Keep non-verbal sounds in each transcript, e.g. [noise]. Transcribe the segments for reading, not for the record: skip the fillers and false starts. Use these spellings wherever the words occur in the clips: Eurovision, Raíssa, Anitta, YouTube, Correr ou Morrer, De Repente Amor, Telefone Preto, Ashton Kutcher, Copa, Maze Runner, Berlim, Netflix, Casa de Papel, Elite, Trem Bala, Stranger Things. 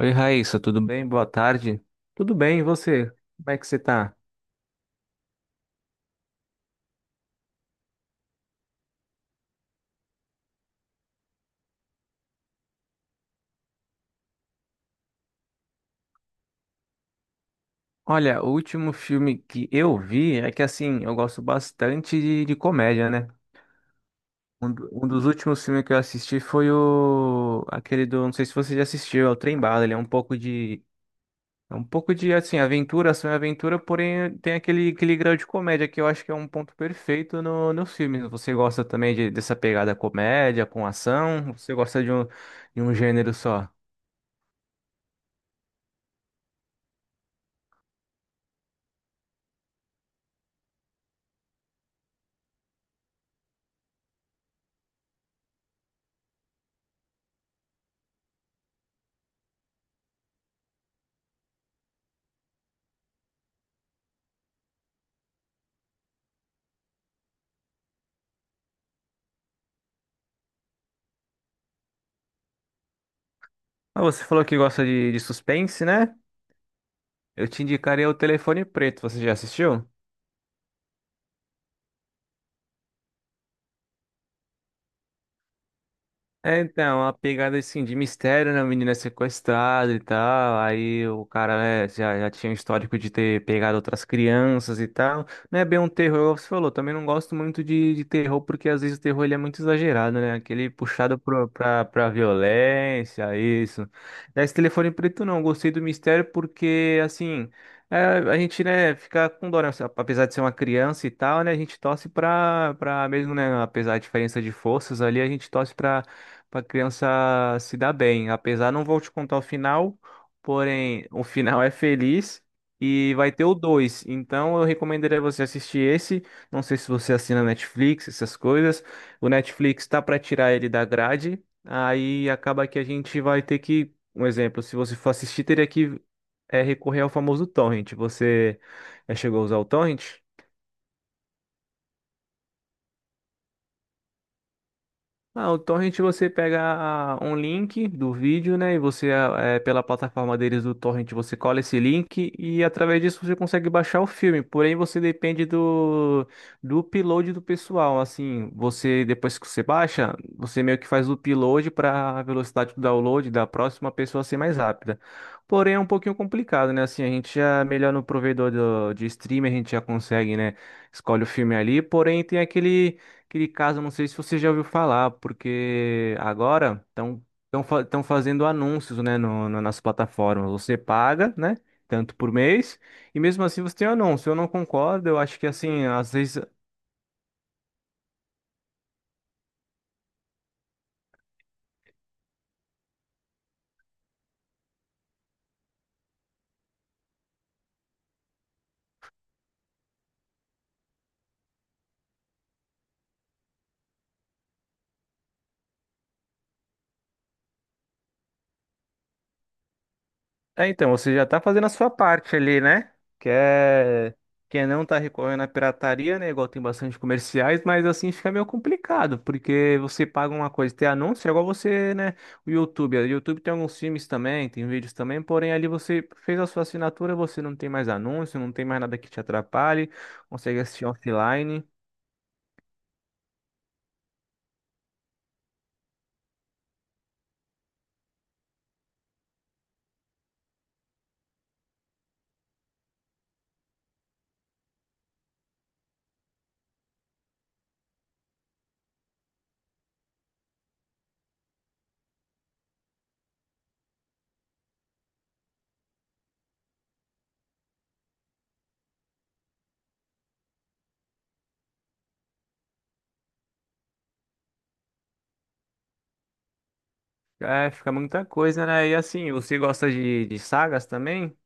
Oi, Raíssa, tudo bem? Boa tarde. Tudo bem, e você? Como é que você tá? Olha, o último filme que eu vi é que, assim, eu gosto bastante de comédia, né? Um dos últimos filmes que eu assisti foi o aquele do, não sei se você já assistiu, é o Trem Bala. Ele é um pouco de... é um pouco de, assim, aventura, ação e aventura, porém tem aquele grau de comédia que eu acho que é um ponto perfeito no filme. Você gosta também dessa pegada comédia com ação? Você gosta de um gênero só? Ah, você falou que gosta de suspense, né? Eu te indicaria o Telefone Preto. Você já assistiu? É, então, a pegada assim de mistério, né? O menino é sequestrado e tal. Aí o cara, né, já tinha um histórico de ter pegado outras crianças e tal. Não é bem um terror, igual você falou. Também não gosto muito de terror, porque às vezes o terror ele é muito exagerado, né? Aquele puxado pra violência, isso. É, esse telefone preto não, gostei do mistério porque, assim, é, a gente, né, fica com dó, né? Apesar de ser uma criança e tal, né? A gente torce pra mesmo, né? Apesar da diferença de forças ali, a gente torce pra para criança se dar bem. Apesar, não vou te contar o final, porém, o final é feliz e vai ter o 2. Então, eu recomendaria você assistir esse. Não sei se você assina Netflix, essas coisas. O Netflix tá para tirar ele da grade, aí acaba que a gente vai ter que, um exemplo, se você for assistir, teria que recorrer ao famoso torrent. Você já chegou a usar o torrent? Ah, o torrent você pega um link do vídeo, né? E você, pela plataforma deles do torrent, você cola esse link e através disso você consegue baixar o filme. Porém, você depende do upload do pessoal. Assim, você, depois que você baixa, você meio que faz o upload para a velocidade do download da próxima pessoa ser mais rápida. Porém, é um pouquinho complicado, né? Assim, a gente já é melhor no provedor de streaming, a gente já consegue, né? Escolhe o filme ali. Porém, tem aquele caso, não sei se você já ouviu falar, porque agora estão fazendo anúncios, né, nas plataformas. Você paga, né, tanto por mês, e mesmo assim você tem um anúncio. Eu não concordo, eu acho que assim, às vezes é, então, você já tá fazendo a sua parte ali, né? Que é... que é não tá recorrendo à pirataria, né? Igual tem bastante comerciais, mas assim fica meio complicado, porque você paga uma coisa, tem anúncio, é igual você, né? O YouTube. O YouTube tem alguns filmes também, tem vídeos também, porém ali você fez a sua assinatura, você não tem mais anúncio, não tem mais nada que te atrapalhe, consegue assistir offline. É, fica muita coisa, né? E assim, você gosta de sagas também?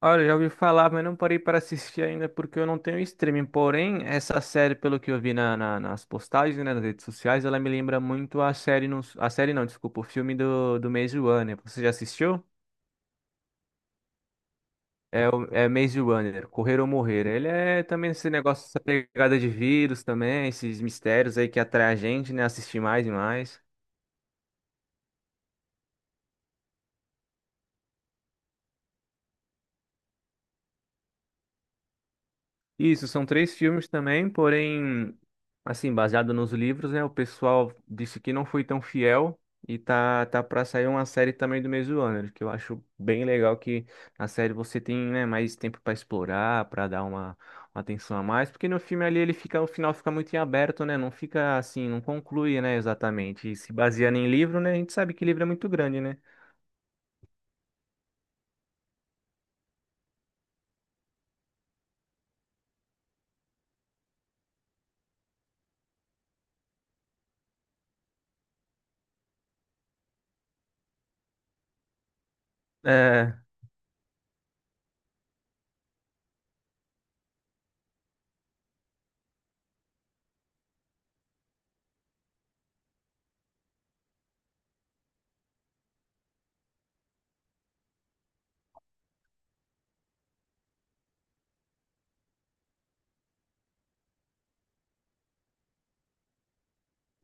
Olha, já ouvi falar, mas não parei para assistir ainda porque eu não tenho streaming. Porém, essa série, pelo que eu vi nas postagens, né, nas redes sociais, ela me lembra muito a série, no, a série não, desculpa, o filme do Maze Runner. Você já assistiu? É, é Maze Runner, Correr ou Morrer. Ele é também esse negócio, essa pegada de vírus também, esses mistérios aí que atrai a gente, né, assistir mais e mais. Isso, são três filmes também, porém, assim, baseado nos livros, né? O pessoal disse que não foi tão fiel e tá, tá pra sair uma série também do mesmo ano, que eu acho bem legal que na série você tem, né, mais tempo pra explorar, pra dar uma atenção a mais, porque no filme ali ele fica, o final fica muito em aberto, né? Não fica assim, não conclui, né, exatamente. E se baseando em livro, né? A gente sabe que livro é muito grande, né? É,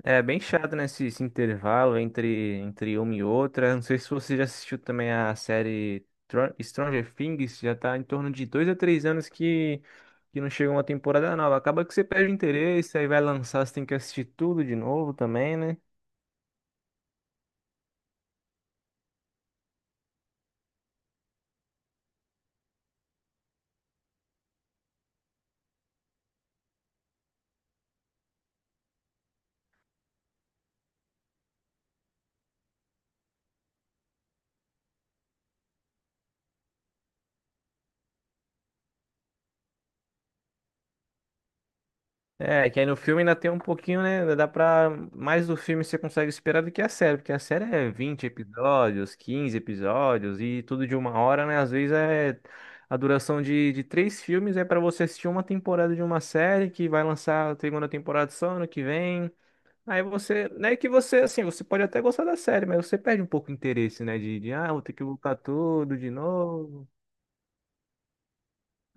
é bem chato, né, esse intervalo entre uma e outra. Não sei se você já assistiu também a série Stranger Things, já tá em torno de 2 a 3 anos que não chega uma temporada nova. Acaba que você perde o interesse, aí vai lançar, você tem que assistir tudo de novo também, né? É, que aí no filme ainda tem um pouquinho, né? Ainda dá pra. Mais do filme você consegue esperar do que a série, porque a série é 20 episódios, 15 episódios e tudo de 1 hora, né? Às vezes é. A duração de três filmes é pra você assistir uma temporada de uma série que vai lançar a segunda temporada só ano que vem. Aí você. Não é que você, assim, você pode até gostar da série, mas você perde um pouco o interesse, né? Vou ter que voltar tudo de novo.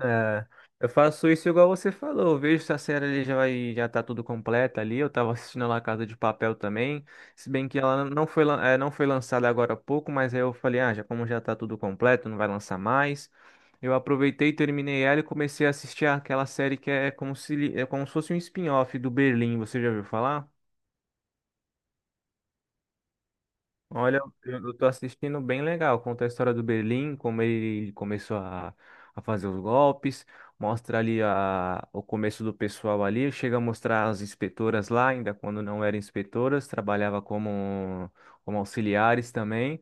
É, eu faço isso igual você falou. Eu vejo se a série ali já vai, já tá tudo completa ali. Eu tava assistindo lá Casa de Papel também. Se bem que ela não foi, não foi lançada agora há pouco, mas aí eu falei, ah, já como já tá tudo completo, não vai lançar mais. Eu aproveitei, terminei ela e comecei a assistir aquela série que é como se fosse um spin-off do Berlim. Você já ouviu falar? Olha, eu tô assistindo bem legal. Conta a história do Berlim, como ele começou a fazer os golpes, mostra ali o começo do pessoal ali, chega a mostrar as inspetoras lá, ainda quando não eram inspetoras, trabalhava como auxiliares também.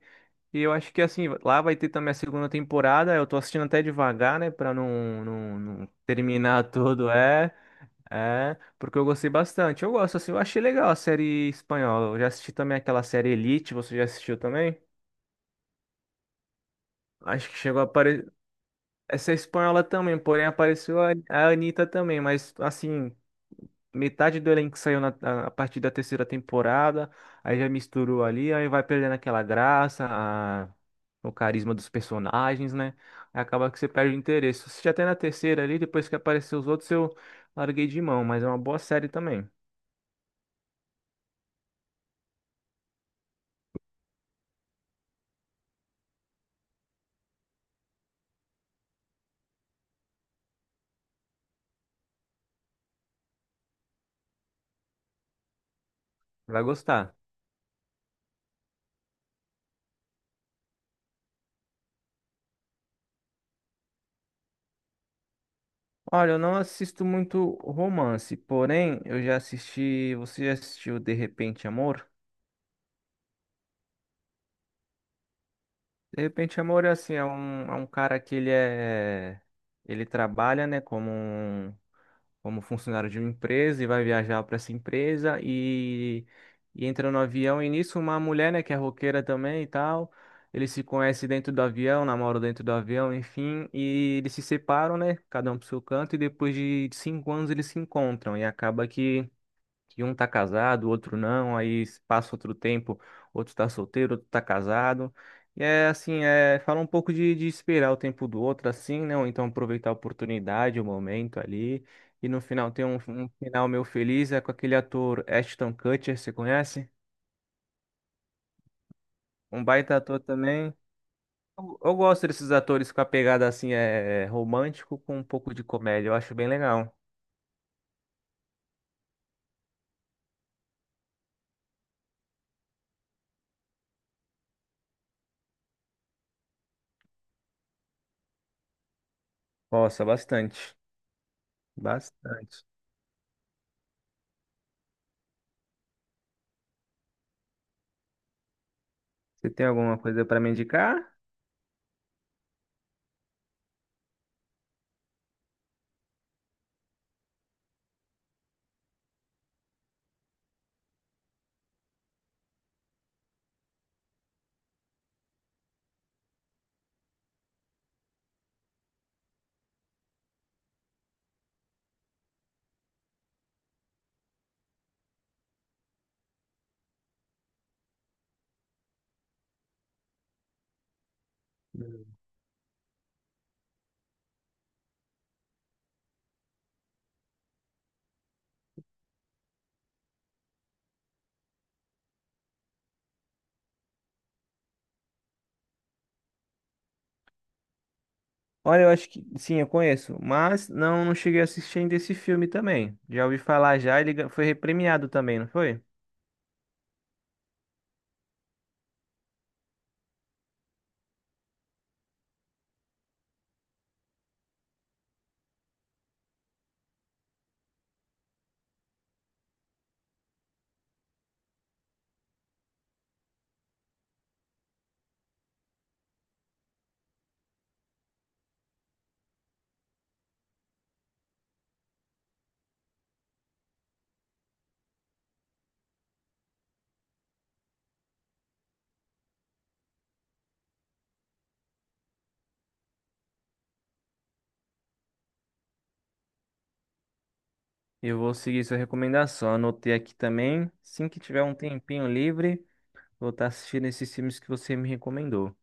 E eu acho que assim, lá vai ter também a segunda temporada. Eu tô assistindo até devagar, né, pra não terminar [laughs] tudo, é. É, porque eu gostei bastante. Eu gosto, assim, eu achei legal a série espanhola. Eu já assisti também aquela série Elite, você já assistiu também? Acho que chegou a aparecer. Essa é espanhola também, porém apareceu a Anitta também, mas assim, metade do elenco saiu a partir da terceira temporada, aí já misturou ali, aí vai perdendo aquela graça, o carisma dos personagens, né? Aí acaba que você perde o interesse. Eu assisti até na terceira ali, depois que apareceu os outros, eu larguei de mão, mas é uma boa série também. Vai gostar. Olha, eu não assisto muito romance, porém eu já assisti. Você já assistiu De Repente Amor? De Repente Amor é assim, é um cara que ele é. Ele trabalha, né, como funcionário de uma empresa e vai viajar para essa empresa e entra no avião. E nisso, uma mulher, né, que é roqueira também e tal. Eles se conhecem dentro do avião, namoram dentro do avião, enfim, e eles se separam, né? Cada um pro seu canto, e depois de 5 anos eles se encontram. E acaba que um tá casado, o outro não, aí passa outro tempo, outro tá solteiro, outro tá casado. E é assim, é, fala um pouco de esperar o tempo do outro assim, né? Ou então aproveitar a oportunidade, o momento ali. E no final tem um final meu feliz, é com aquele ator Ashton Kutcher, você conhece? Um baita ator também. Eu gosto desses atores com a pegada assim, é romântico com um pouco de comédia, eu acho bem legal. Nossa, bastante. Bastante. Você tem alguma coisa para me indicar? Olha, eu acho que sim, eu conheço, mas não cheguei a assistir ainda esse filme também. Já ouvi falar já, ele foi repremiado também, não foi? Eu vou seguir sua recomendação, anotei aqui também. Assim que tiver um tempinho livre, vou estar assistindo esses filmes que você me recomendou.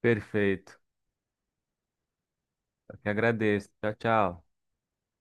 Perfeito. Eu que agradeço. Tchau, tchau.